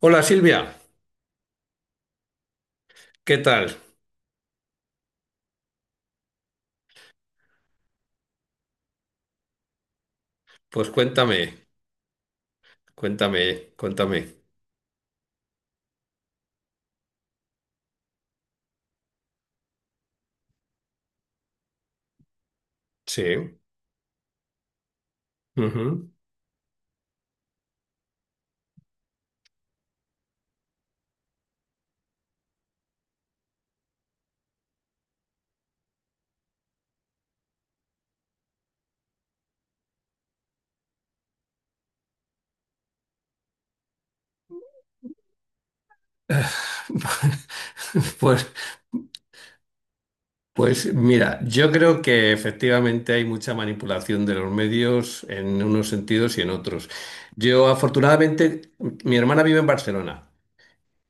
Hola Silvia, ¿qué tal? Pues cuéntame, cuéntame. Sí. Ujú. Pues, pues mira, yo creo que efectivamente hay mucha manipulación de los medios en unos sentidos y en otros. Yo afortunadamente, mi hermana vive en Barcelona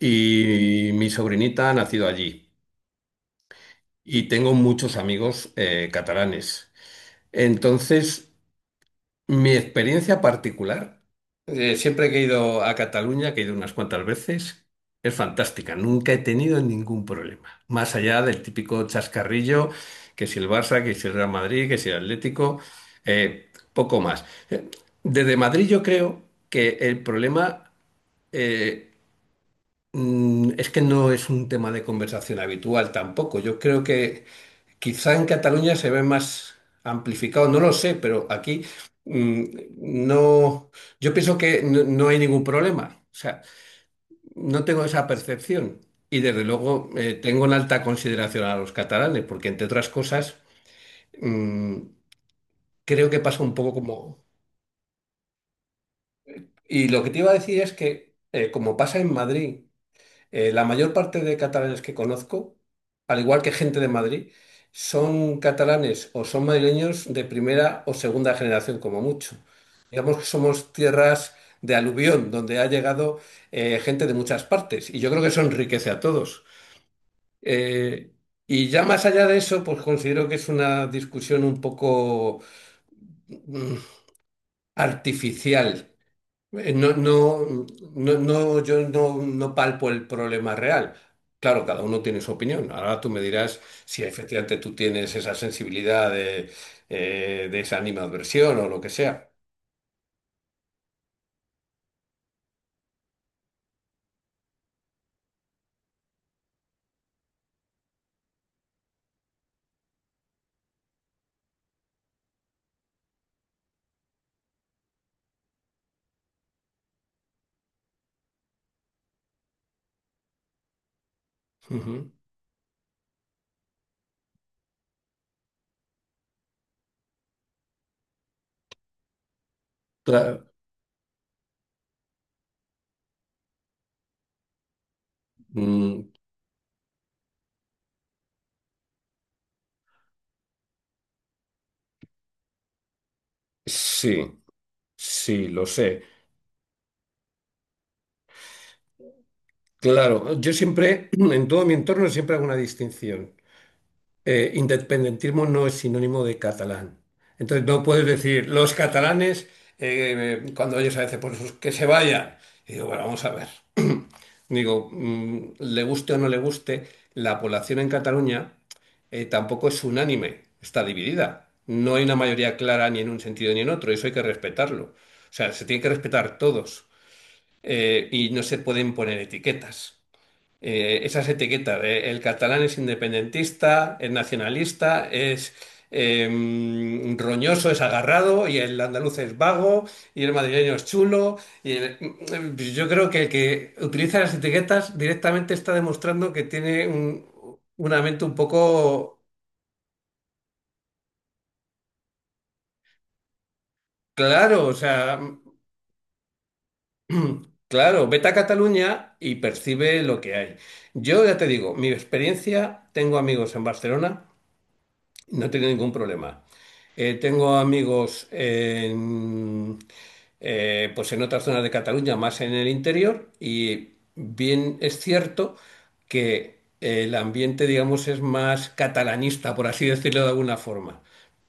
y mi sobrinita ha nacido allí y tengo muchos amigos catalanes. Entonces, mi experiencia particular, siempre que he ido a Cataluña, que he ido unas cuantas veces, es fantástica. Nunca he tenido ningún problema. Más allá del típico chascarrillo, que si el Barça, que si el Real Madrid, que si el Atlético, poco más. Eh, Desde Madrid yo creo que el problema eh, es que no es un tema de conversación habitual tampoco. Yo creo que quizá en Cataluña se ve más amplificado, no lo sé, pero aquí mm, no, yo pienso que no hay ningún problema. O sea, no tengo esa percepción. Y desde luego tengo en alta consideración a los catalanes, porque entre otras cosas mm, creo que pasa un poco como... Y lo que te iba a decir es que, como pasa en Madrid, la mayor parte de catalanes que conozco, al igual que gente de Madrid, son catalanes o son madrileños de primera o segunda generación, como mucho. Digamos que somos tierras de aluvión, donde ha llegado gente de muchas partes, y yo creo que eso enriquece a todos. Eh, y ya más allá de eso, pues considero que es una discusión un poco mm, artificial. No, no, no, no, yo no, no palpo el problema real. Claro, cada uno tiene su opinión. Ahora tú me dirás si efectivamente tú tienes esa sensibilidad de esa animadversión o lo que sea. Ujú. Claro. Mm, sí, sí, lo sé. Claro, yo siempre, en todo mi entorno, siempre hago una distinción. Eh, independentismo no es sinónimo de catalán. Entonces no puedes decir los catalanes, cuando ellos a veces, pues que se vayan. Y digo, bueno, vamos a ver. Digo, le guste o no le guste, la población en Cataluña tampoco es unánime, está dividida. No hay una mayoría clara ni en un sentido ni en otro, eso hay que respetarlo. O sea, se tiene que respetar todos y no se pueden poner etiquetas esas etiquetas. De el catalán es independentista, es nacionalista, es eh, roñoso, es agarrado, y el andaluz es vago, y el madrileño es chulo. Yo creo que el que utiliza las etiquetas directamente está demostrando que tiene un, una mente un poco claro, o sea, claro, vete a Cataluña y percibe lo que hay. Yo ya te digo, mi experiencia, tengo amigos en Barcelona. No he tenido ningún problema. Tengo amigos en, pues en otras zonas de Cataluña, más en el interior, y bien es cierto que el ambiente, digamos, es más catalanista, por así decirlo de alguna forma.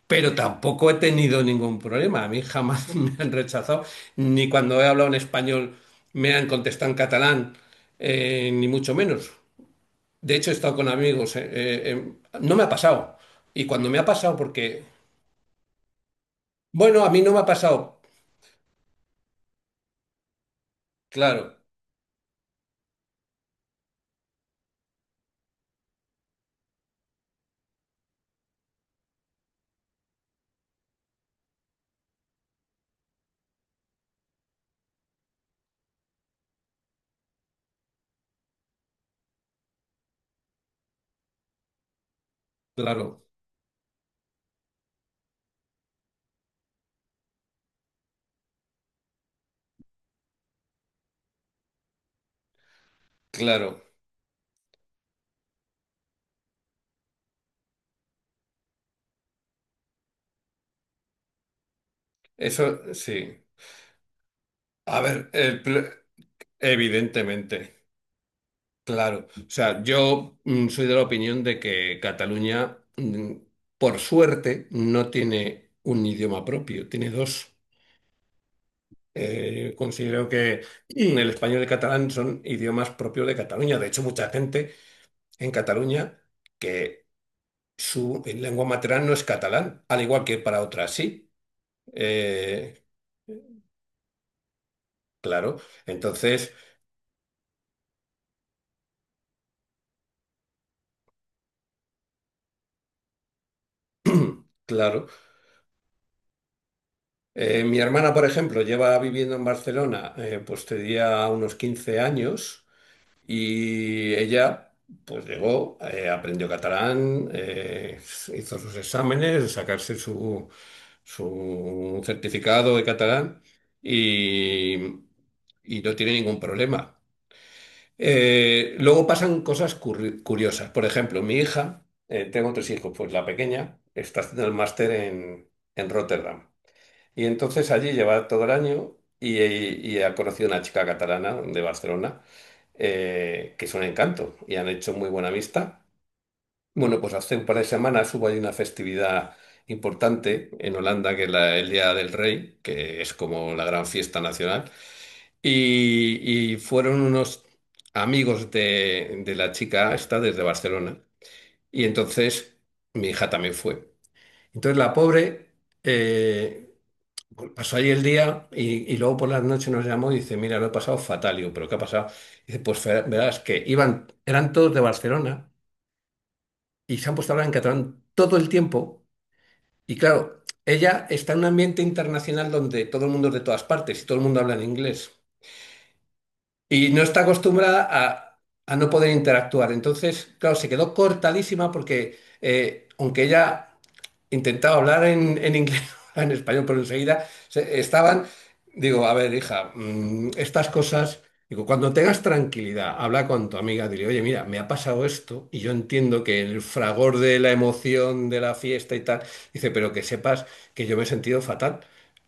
Pero tampoco he tenido ningún problema. A mí jamás me han rechazado, ni cuando he hablado en español me han contestado en catalán, ni mucho menos. De hecho, he estado con amigos. No me ha pasado. Y cuando me ha pasado, porque, bueno, a mí no me ha pasado. Claro, claro, claro. Eso sí. A ver, el pl- evidentemente, claro. O sea, yo soy de la opinión de que Cataluña, por suerte, no tiene un idioma propio, tiene dos. Considero que el español y el catalán son idiomas propios de Cataluña. De hecho, mucha gente en Cataluña que su lengua materna no es catalán, al igual que para otras sí. Eh, claro, entonces, claro. Mi hermana, por ejemplo, lleva viviendo en Barcelona, pues tenía unos 15 años y ella, pues llegó, aprendió catalán, hizo sus exámenes, sacarse su, su certificado de catalán y, y no tiene ningún problema. Luego pasan cosas curiosas. Por ejemplo, mi hija, tengo 3 hijos, pues la pequeña está haciendo el máster en Rotterdam. Y entonces allí lleva todo el año y ha conocido una chica catalana de Barcelona, que es un encanto y han hecho muy buena amistad. Bueno, pues hace un par de semanas hubo ahí una festividad importante en Holanda, que es el Día del Rey, que es como la gran fiesta nacional. Y fueron unos amigos de la chica esta desde Barcelona. Y entonces mi hija también fue. Entonces la pobre eh, pasó ahí el día y luego por las noches nos llamó y dice, mira, lo he pasado fatal. Y yo, ¿pero qué ha pasado? Dice, pues verás que iban, eran todos de Barcelona y se han puesto a hablar en catalán todo el tiempo. Y claro, ella está en un ambiente internacional donde todo el mundo es de todas partes y todo el mundo habla en inglés. Y no está acostumbrada a no poder interactuar. Entonces, claro, se quedó cortadísima porque, aunque ella intentaba hablar en inglés, en español, pero enseguida estaban, digo, a ver, hija, estas cosas, digo, cuando tengas tranquilidad, habla con tu amiga, dile, oye, mira, me ha pasado esto y yo entiendo que el fragor de la emoción de la fiesta y tal, dice, pero que sepas que yo me he sentido fatal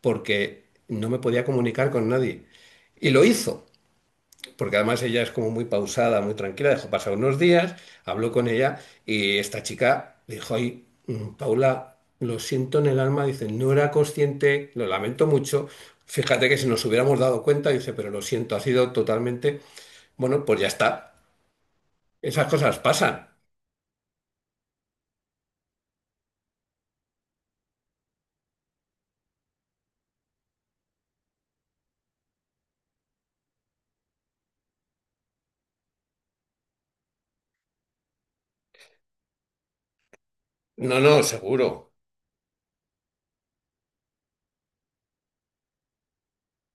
porque no me podía comunicar con nadie. Y lo hizo porque además ella es como muy pausada, muy tranquila, dejó pasar unos días, habló con ella y esta chica dijo, ay, Paula, lo siento en el alma, dice, no era consciente, lo lamento mucho, fíjate que si nos hubiéramos dado cuenta, dice, pero lo siento, ha sido totalmente, bueno, pues ya está, esas cosas pasan. No, no, seguro.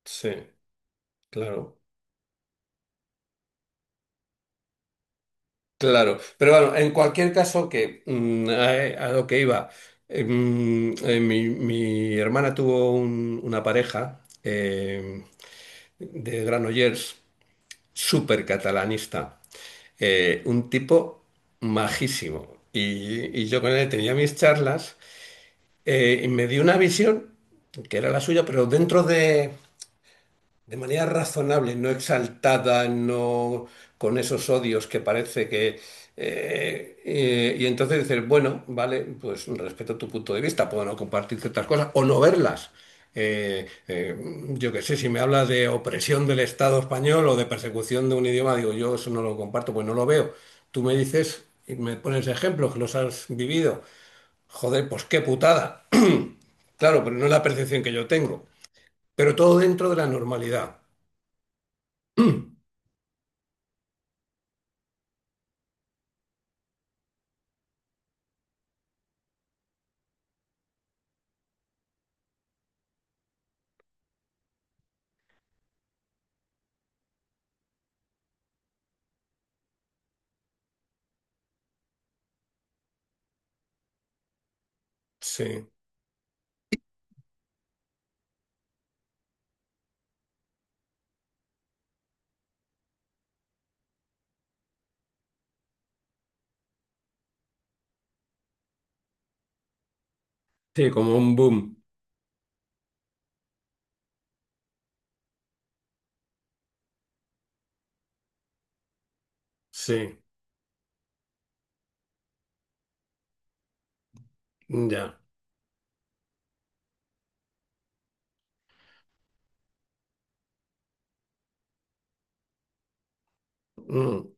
Sí, claro. Claro, pero bueno, en cualquier caso, que a lo que iba, mi, mi hermana tuvo una pareja de Granollers, súper catalanista, un tipo majísimo. Y yo con él tenía mis charlas y me dio una visión, que era la suya, pero dentro de manera razonable, no exaltada, no con esos odios que parece que... y entonces dices, bueno, vale, pues respeto tu punto de vista, puedo no compartir ciertas cosas o no verlas. Eh, eh, yo qué sé, si me habla de opresión del Estado español o de persecución de un idioma, digo, yo eso no lo comparto, pues no lo veo. Tú me dices y me pones ejemplos que los has vivido. Joder, pues qué putada. Claro, pero no es la percepción que yo tengo. Pero todo dentro de la normalidad. Sí, sí, como un boom. Sí, ya. Mm,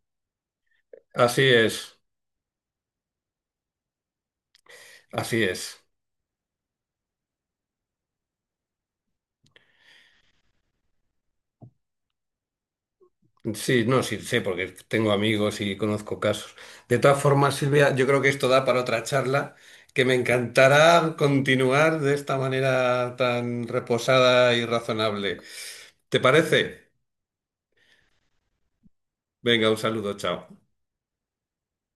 así es, así es. Sí, no, sí, sé, porque tengo amigos y conozco casos. De todas formas, Silvia, yo creo que esto da para otra charla que me encantará continuar de esta manera tan reposada y razonable. ¿Te parece? Venga, un saludo, chao.